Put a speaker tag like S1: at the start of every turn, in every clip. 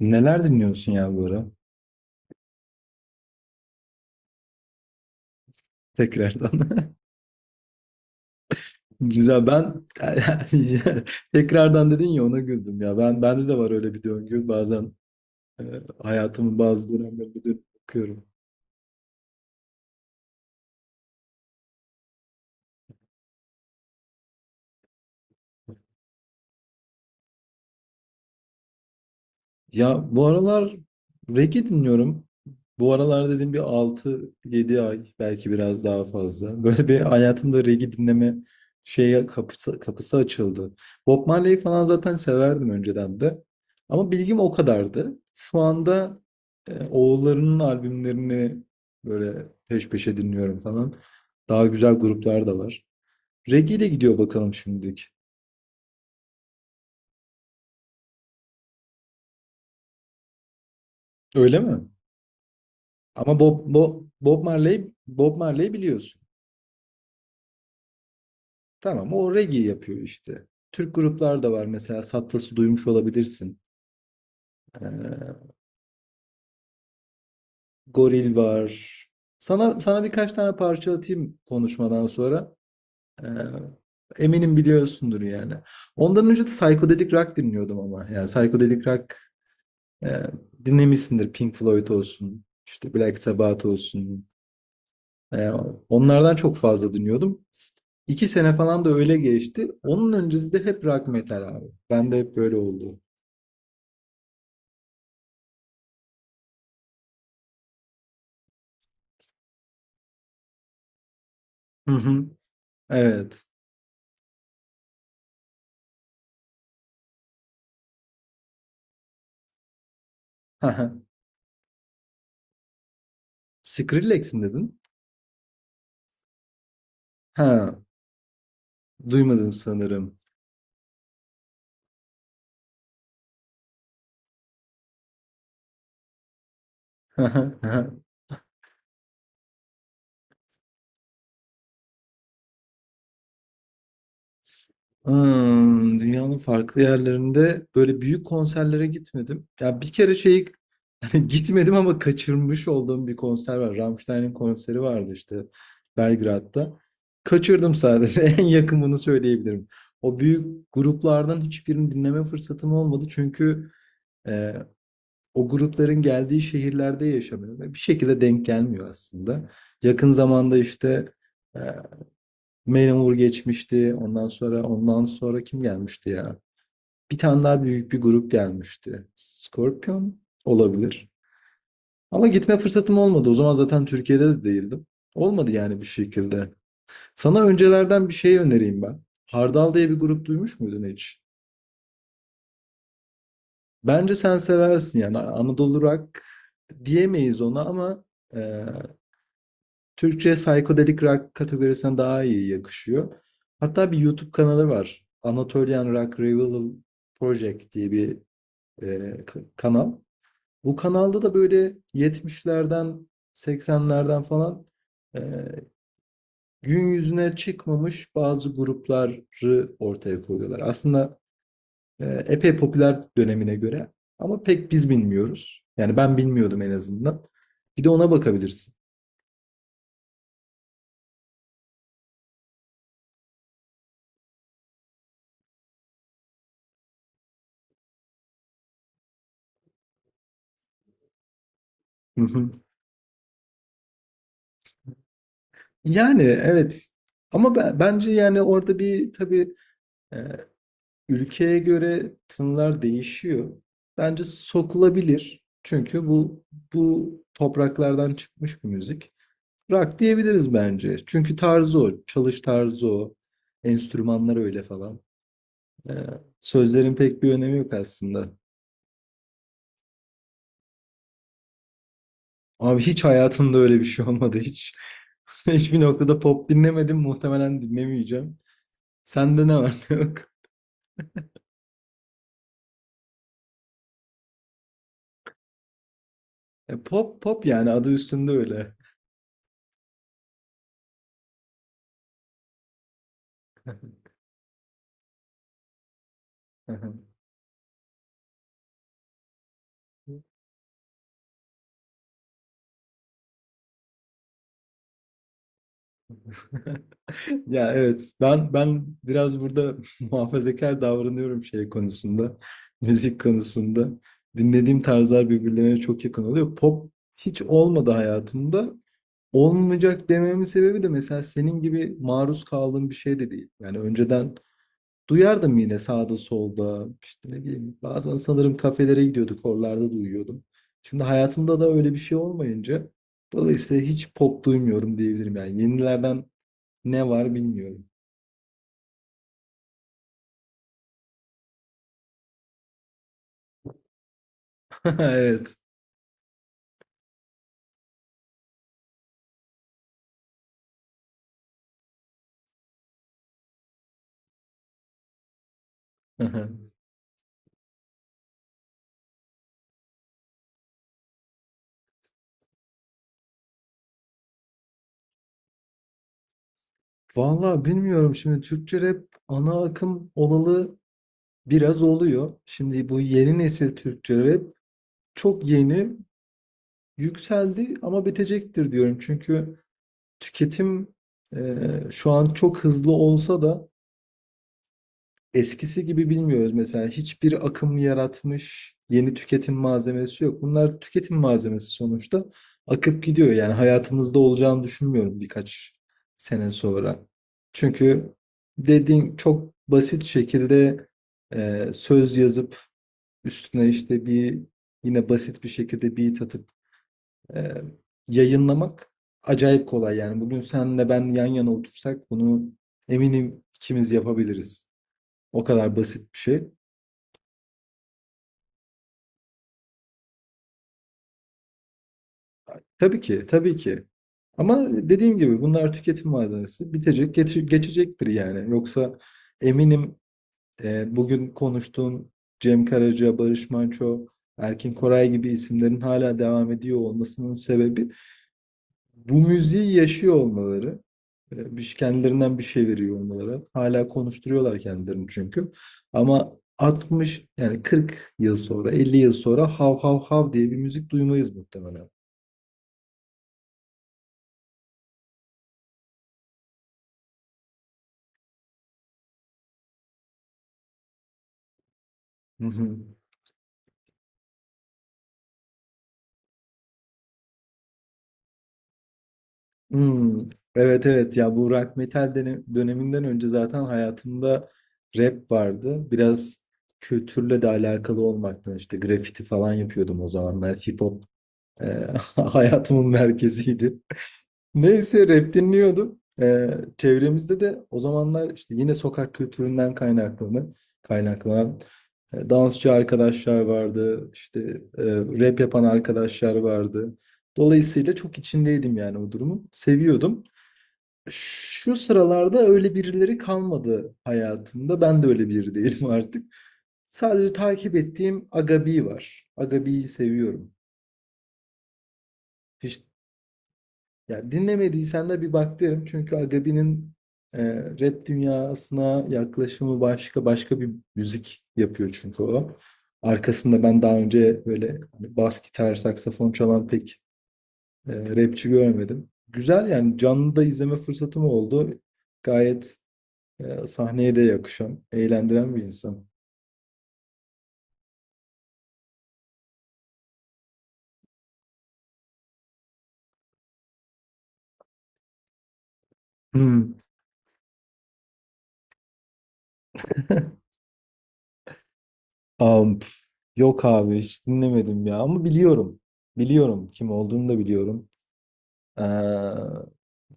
S1: Neler dinliyorsun ya bu ara? Tekrardan. Güzel. Ben tekrardan dedin ya ona güldüm ya. Ben bende de var öyle bir döngü. Bazen e, hayatımın bazı dönemlerinde dönüp bakıyorum. Ya bu aralar reggae dinliyorum. Bu aralar dediğim bir altı yedi ay belki biraz daha fazla. Böyle bir hayatımda reggae dinleme şeye kapısı açıldı. Bob Marley'i falan zaten severdim önceden de. Ama bilgim o kadardı. Şu anda oğullarının albümlerini böyle peş peşe dinliyorum falan. Daha güzel gruplar da var. Reggae ile gidiyor bakalım şimdilik. Öyle mi? Ama Bob Marley biliyorsun. Tamam o reggae yapıyor işte. Türk gruplar da var mesela Sattas'ı duymuş olabilirsin. Ee, Goril var. Sana birkaç tane parça atayım konuşmadan sonra. Ee, eminim biliyorsundur yani. Ondan önce de psychedelic rock dinliyordum ama. Yani psychedelic rock e, dinlemişsindir Pink Floyd olsun, işte Black Sabbath olsun. Ee, onlardan çok fazla dinliyordum. İki sene falan da öyle geçti. Onun öncesi de hep rock metal abi. Ben de hep böyle oldu. Hı hı. Evet. Hı hı. Skrillex mi dedin? Ha, duymadım sanırım. Hı hı, hı hı. Hmm, dünyanın farklı yerlerinde böyle büyük konserlere gitmedim. Ya bir kere şey hani gitmedim ama kaçırmış olduğum bir konser var. Rammstein'in konseri vardı işte Belgrad'da. Kaçırdım sadece. En yakın bunu söyleyebilirim. O büyük gruplardan hiçbirini dinleme fırsatım olmadı çünkü e, o grupların geldiği şehirlerde yaşamıyor ve bir şekilde denk gelmiyor aslında. Yakın zamanda işte e, Manowar geçmişti. Ondan sonra kim gelmişti ya? Bir tane daha büyük bir grup gelmişti. Scorpion olabilir. Ama gitme fırsatım olmadı. O zaman zaten Türkiye'de de değildim. Olmadı yani bir şekilde. Sana öncelerden bir şey önereyim ben. Hardal diye bir grup duymuş muydun hiç? Bence sen seversin, yani Anadolu Rock diyemeyiz ona ama ee, Türkçe psychedelic rock kategorisine daha iyi yakışıyor. Hatta bir YouTube kanalı var. Anatolian Rock Revival Project diye bir kanal. Bu kanalda da böyle 70'lerden 80'lerden falan e, gün yüzüne çıkmamış bazı grupları ortaya koyuyorlar. Aslında epey popüler dönemine göre ama pek biz bilmiyoruz. Yani ben bilmiyordum en azından. Bir de ona bakabilirsin. Yani evet ama bence yani orada bir tabii e, ülkeye göre tınlar değişiyor. Bence sokulabilir. Çünkü bu topraklardan çıkmış bir müzik. Rock diyebiliriz bence. Çünkü tarzı o, çalış tarzı o, enstrümanlar öyle falan. E, sözlerin pek bir önemi yok aslında. Abi hiç hayatımda öyle bir şey olmadı hiç. Hiçbir noktada pop dinlemedim. Muhtemelen dinlemeyeceğim. Sende ne var ne yok? Pop pop yani adı üstünde öyle. Ya evet ben biraz burada muhafazakar davranıyorum şey konusunda. Müzik konusunda. Dinlediğim tarzlar birbirlerine çok yakın oluyor. Pop hiç olmadı hayatımda. Olmayacak dememin sebebi de mesela senin gibi maruz kaldığım bir şey de değil. Yani önceden duyardım yine sağda solda. İşte ne bileyim bazen sanırım kafelere gidiyorduk, oralarda duyuyordum. Şimdi hayatımda da öyle bir şey olmayınca dolayısıyla hiç pop duymuyorum diyebilirim yani. Yenilerden ne var bilmiyorum. Evet. Vallahi bilmiyorum, şimdi Türkçe rap ana akım olalı biraz oluyor. Şimdi bu yeni nesil Türkçe rap çok yeni yükseldi ama bitecektir diyorum. Çünkü tüketim şu an çok hızlı olsa da eskisi gibi bilmiyoruz mesela. Hiçbir akım yaratmış yeni tüketim malzemesi yok. Bunlar tüketim malzemesi sonuçta. Akıp gidiyor. Yani hayatımızda olacağını düşünmüyorum birkaç sene sonra. Çünkü dediğin çok basit şekilde söz yazıp üstüne işte bir yine basit bir şekilde beat atıp e, yayınlamak acayip kolay. Yani bugün senle ben yan yana otursak bunu eminim ikimiz yapabiliriz. O kadar basit bir şey. Tabii ki, tabii ki. Ama dediğim gibi bunlar tüketim malzemesi. Bitecek, geçecektir yani. Yoksa eminim bugün konuştuğun Cem Karaca, Barış Manço, Erkin Koray gibi isimlerin hala devam ediyor olmasının sebebi bu müziği yaşıyor olmaları. Kendilerinden bir şey veriyor olmaları. Hala konuşturuyorlar kendilerini çünkü. Ama 60 yani 40 yıl sonra, 50 yıl sonra hav hav hav diye bir müzik duymayız muhtemelen. Hı hı. Hmm, evet evet ya bu rock metal döneminden önce zaten hayatımda rap vardı. Biraz kültürle de alakalı olmaktan işte grafiti falan yapıyordum o zamanlar. Hip hop e, hayatımın merkeziydi. Neyse rap dinliyordum. Çevremizde de o zamanlar işte yine sokak kültüründen kaynaklanan dansçı arkadaşlar vardı. İşte e, rap yapan arkadaşlar vardı. Dolayısıyla çok içindeydim yani o durumu. Seviyordum. Şu sıralarda öyle birileri kalmadı hayatımda. Ben de öyle biri değilim artık. Sadece takip ettiğim Agabi var. Agabi'yi seviyorum. Hiç ya dinlemediysen de bir bak derim. Çünkü Agabi'nin rap dünyasına yaklaşımı başka bir müzik yapıyor çünkü o. Arkasında ben daha önce böyle hani bas gitar, saksafon çalan pek rapçi görmedim. Güzel yani canlı da izleme fırsatım oldu. Gayet sahneye de yakışan, eğlendiren bir insan. Hmm. Am, pf, yok abi hiç dinlemedim ya ama biliyorum. Biliyorum, kim olduğunu da biliyorum. Ee,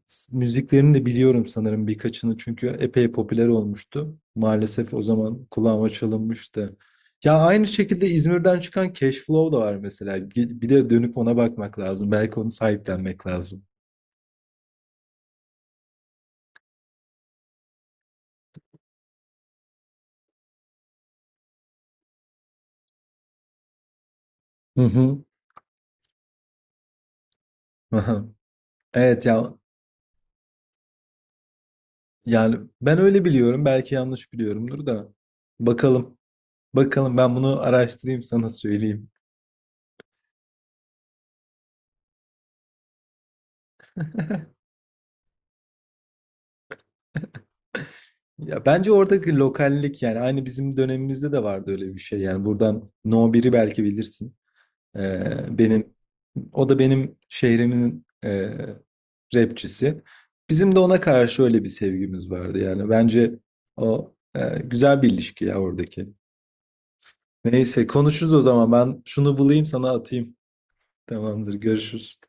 S1: Müziklerini de biliyorum sanırım birkaçını çünkü epey popüler olmuştu. Maalesef o zaman kulağıma çalınmıştı. Ya aynı şekilde İzmir'den çıkan Cash Flow da var mesela. Bir de dönüp ona bakmak lazım. Belki onu sahiplenmek lazım. Hı hı. Aha. Evet ya, yani ben öyle biliyorum. Belki yanlış biliyorumdur da. Bakalım. Bakalım ben bunu araştırayım, sana söyleyeyim. Ya bence oradaki lokallik yani aynı bizim dönemimizde de vardı öyle bir şey. Yani buradan No biri belki bilirsin. Benim o da benim şehrimin rapçisi. Bizim de ona karşı öyle bir sevgimiz vardı yani. Bence o güzel bir ilişki ya oradaki. Neyse konuşuruz o zaman. Ben şunu bulayım sana atayım. Tamamdır, görüşürüz.